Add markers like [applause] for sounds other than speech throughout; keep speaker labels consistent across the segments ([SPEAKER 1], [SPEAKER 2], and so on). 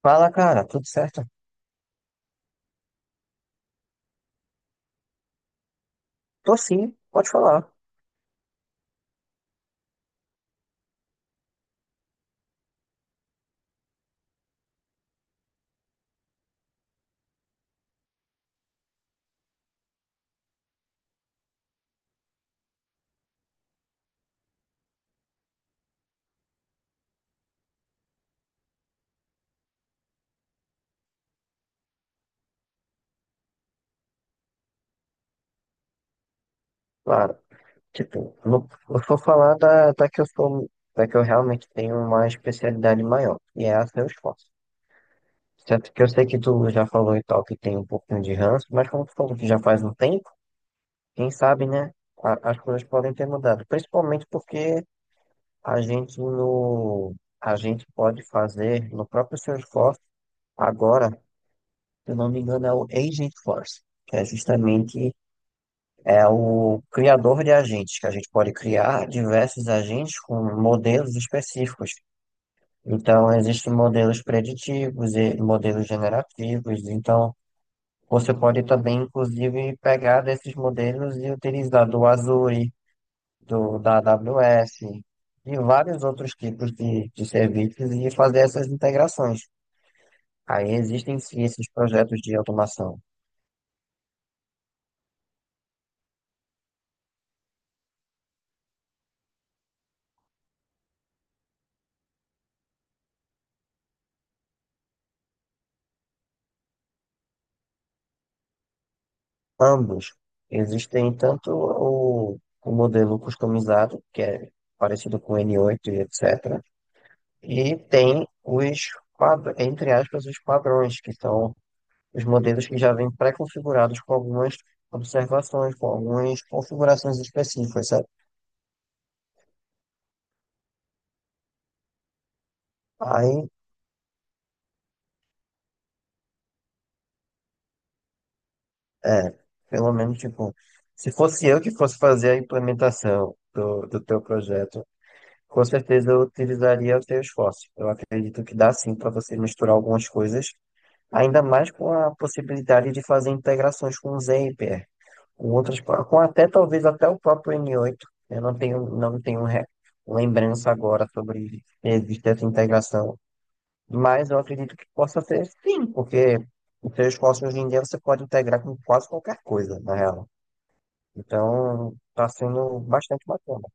[SPEAKER 1] Fala, cara, tudo certo? Tô sim, pode falar, claro. Tipo, eu vou falar da que eu sou, da que eu realmente tenho uma especialidade maior, e é a Salesforce. Certo que eu sei que tu já falou e tal, que tem um pouquinho de ranço, mas como tu falou que já faz um tempo, quem sabe, né, as coisas podem ter mudado. Principalmente porque a gente no, a gente pode fazer no próprio Salesforce, agora, se eu não me engano, é o Agent Force, que é justamente. É o criador de agentes, que a gente pode criar diversos agentes com modelos específicos. Então, existem modelos preditivos e modelos generativos. Então, você pode também, inclusive, pegar desses modelos e utilizar do Azure, da AWS e vários outros tipos de serviços e fazer essas integrações. Aí existem sim esses projetos de automação. Ambos. Existem tanto o modelo customizado, que é parecido com o N8 e etc. E tem os, entre aspas, os padrões, que são os modelos que já vêm pré-configurados com algumas observações, com algumas configurações específicas, sabe? Aí, é, pelo menos, tipo, se fosse eu que fosse fazer a implementação do teu projeto, com certeza eu utilizaria o Salesforce. Eu acredito que dá sim para você misturar algumas coisas. Ainda mais com a possibilidade de fazer integrações com o Zapier, com outras, com até talvez até o próprio N8. Eu não tenho lembrança agora sobre se existe essa integração, mas eu acredito que possa ser sim, porque o Salesforce hoje em dia você pode integrar com quase qualquer coisa, na real. Então, está sendo bastante bacana.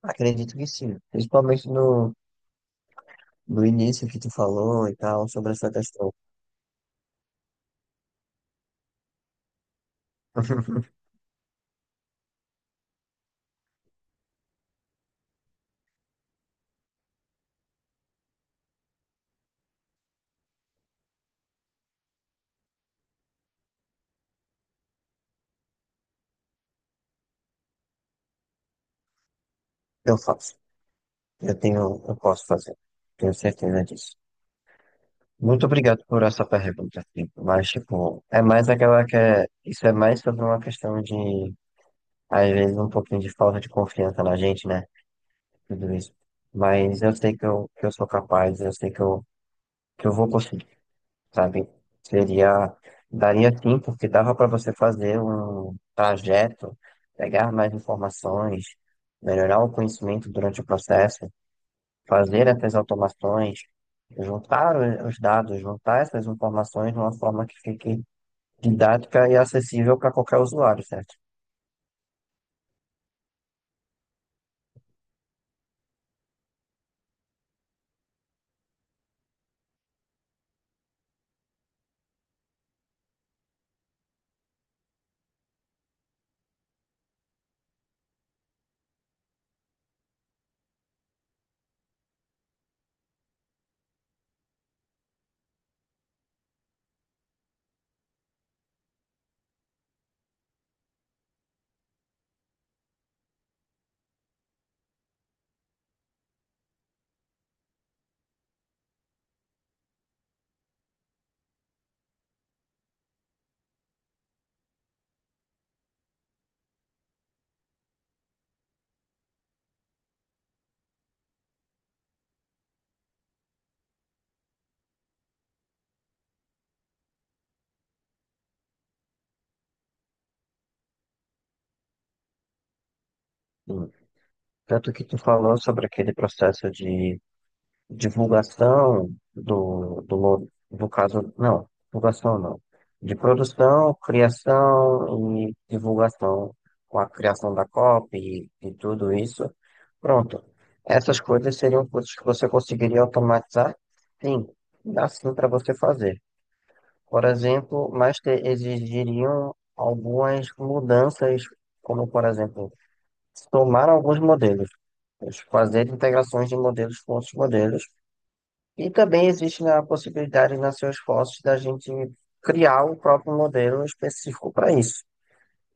[SPEAKER 1] Acredito que sim, principalmente no início que tu falou e tal, sobre essa questão. [laughs] Eu faço. Eu tenho, eu posso fazer. Tenho certeza disso. Muito obrigado por essa pergunta, tipo, mas, tipo, é mais aquela que é, isso é mais sobre uma questão de, às vezes, um pouquinho de falta de confiança na gente, né? Tudo isso. Mas eu sei que eu, que eu, sou capaz, eu sei que eu vou conseguir, sabe? Seria, daria sim, porque dava para você fazer um trajeto, pegar mais informações, melhorar o conhecimento durante o processo, fazer essas automações, juntar os dados, juntar essas informações de uma forma que fique didática e acessível para qualquer usuário, certo? Sim. Tanto que tu falou sobre aquele processo de divulgação do caso, não, divulgação não, de produção, criação e divulgação, com a criação da copy e tudo isso. Pronto, essas coisas seriam coisas que você conseguiria automatizar? Sim, dá sim para você fazer. Por exemplo, mas exigiriam algumas mudanças, como por exemplo, somar alguns modelos, fazer integrações de modelos com outros modelos e também existe né, a possibilidade nas suas fotos da gente criar o próprio modelo específico para isso,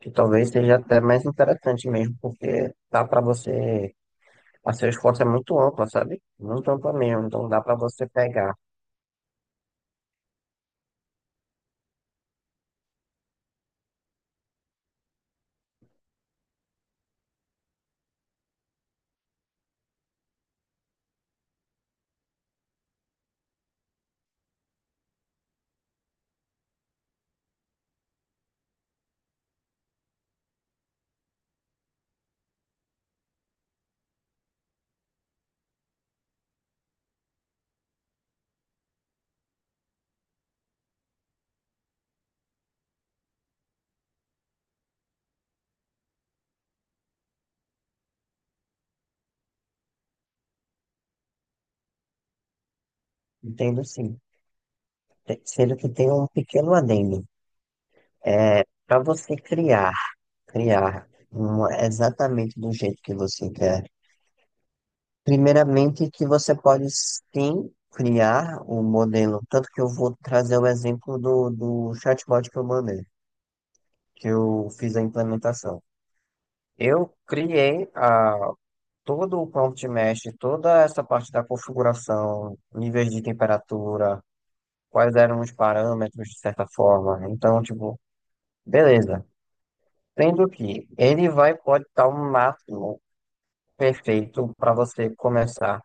[SPEAKER 1] que talvez seja até mais interessante mesmo, porque dá para você. A suas fotos é muito ampla, sabe? Muito ampla mesmo, então dá para você pegar. Entendo sim. Sendo que tem um pequeno adendo. Para você criar exatamente do jeito que você quer. Primeiramente, que você pode sim criar um modelo, tanto que eu vou trazer o exemplo do chatbot que eu mandei, que eu fiz a implementação. Eu criei todo o prompt mesh, toda essa parte da configuração, níveis de temperatura, quais eram os parâmetros, de certa forma. Então, tipo, beleza. Sendo que ele vai pode dar um máximo perfeito para você começar.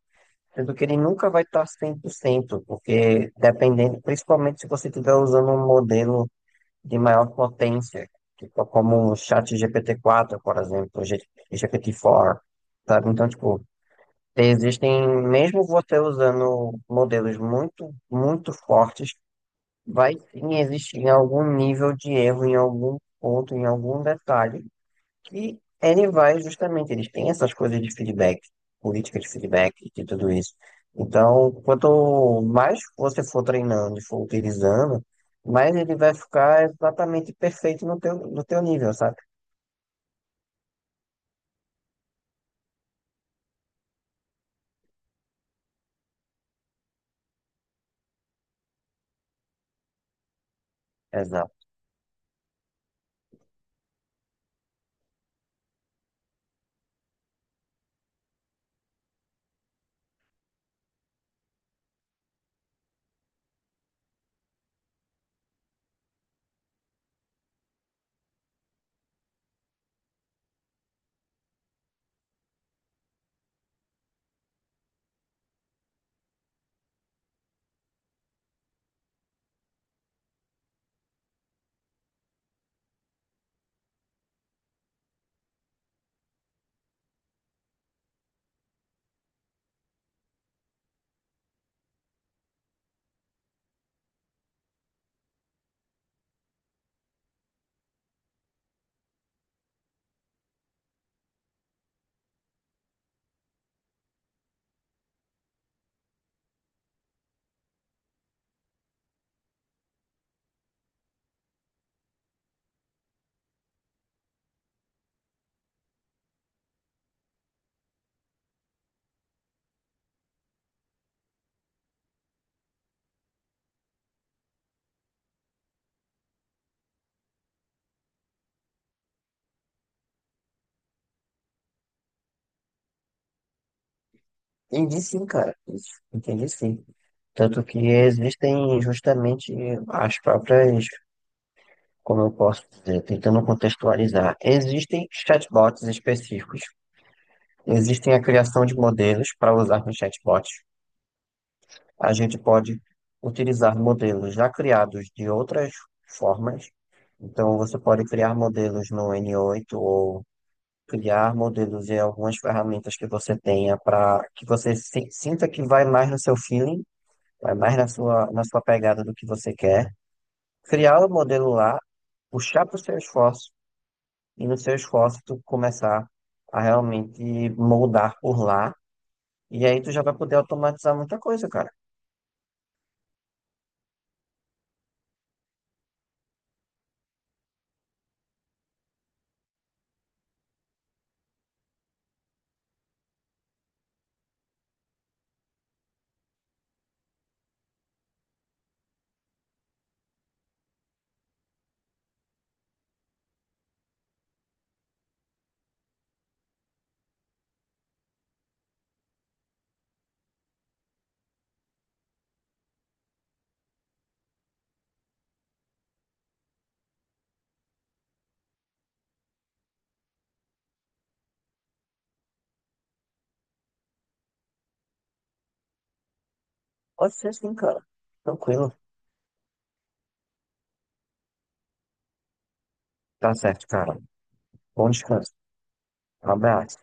[SPEAKER 1] Sendo que ele nunca vai estar 100%, porque dependendo, principalmente se você estiver usando um modelo de maior potência, tipo como o chat GPT-4, por exemplo, GPT-4, sabe? Então, tipo, existem, mesmo você usando modelos muito, muito fortes, vai sim existir algum nível de erro em algum ponto, em algum detalhe, e ele vai justamente, eles têm essas coisas de feedback, política de feedback e tudo isso. Então, quanto mais você for treinando e for utilizando, mais ele vai ficar exatamente perfeito no teu nível, sabe? Exato. Entendi sim, cara. Isso. Entendi sim. Tanto que existem justamente as próprias, como eu posso dizer, tentando contextualizar, existem chatbots específicos. Existem a criação de modelos para usar com chatbots. A gente pode utilizar modelos já criados de outras formas. Então, você pode criar modelos no N8 ou criar modelos em algumas ferramentas que você tenha para que você sinta que vai mais no seu feeling, vai mais na sua pegada do que você quer. Criar o modelo lá, puxar para o seu esforço e no seu esforço tu começar a realmente moldar por lá. E aí tu já vai poder automatizar muita coisa, cara. Pode ser sim, cara. Tranquilo. Tá certo, cara. Bom descanso. Um abraço.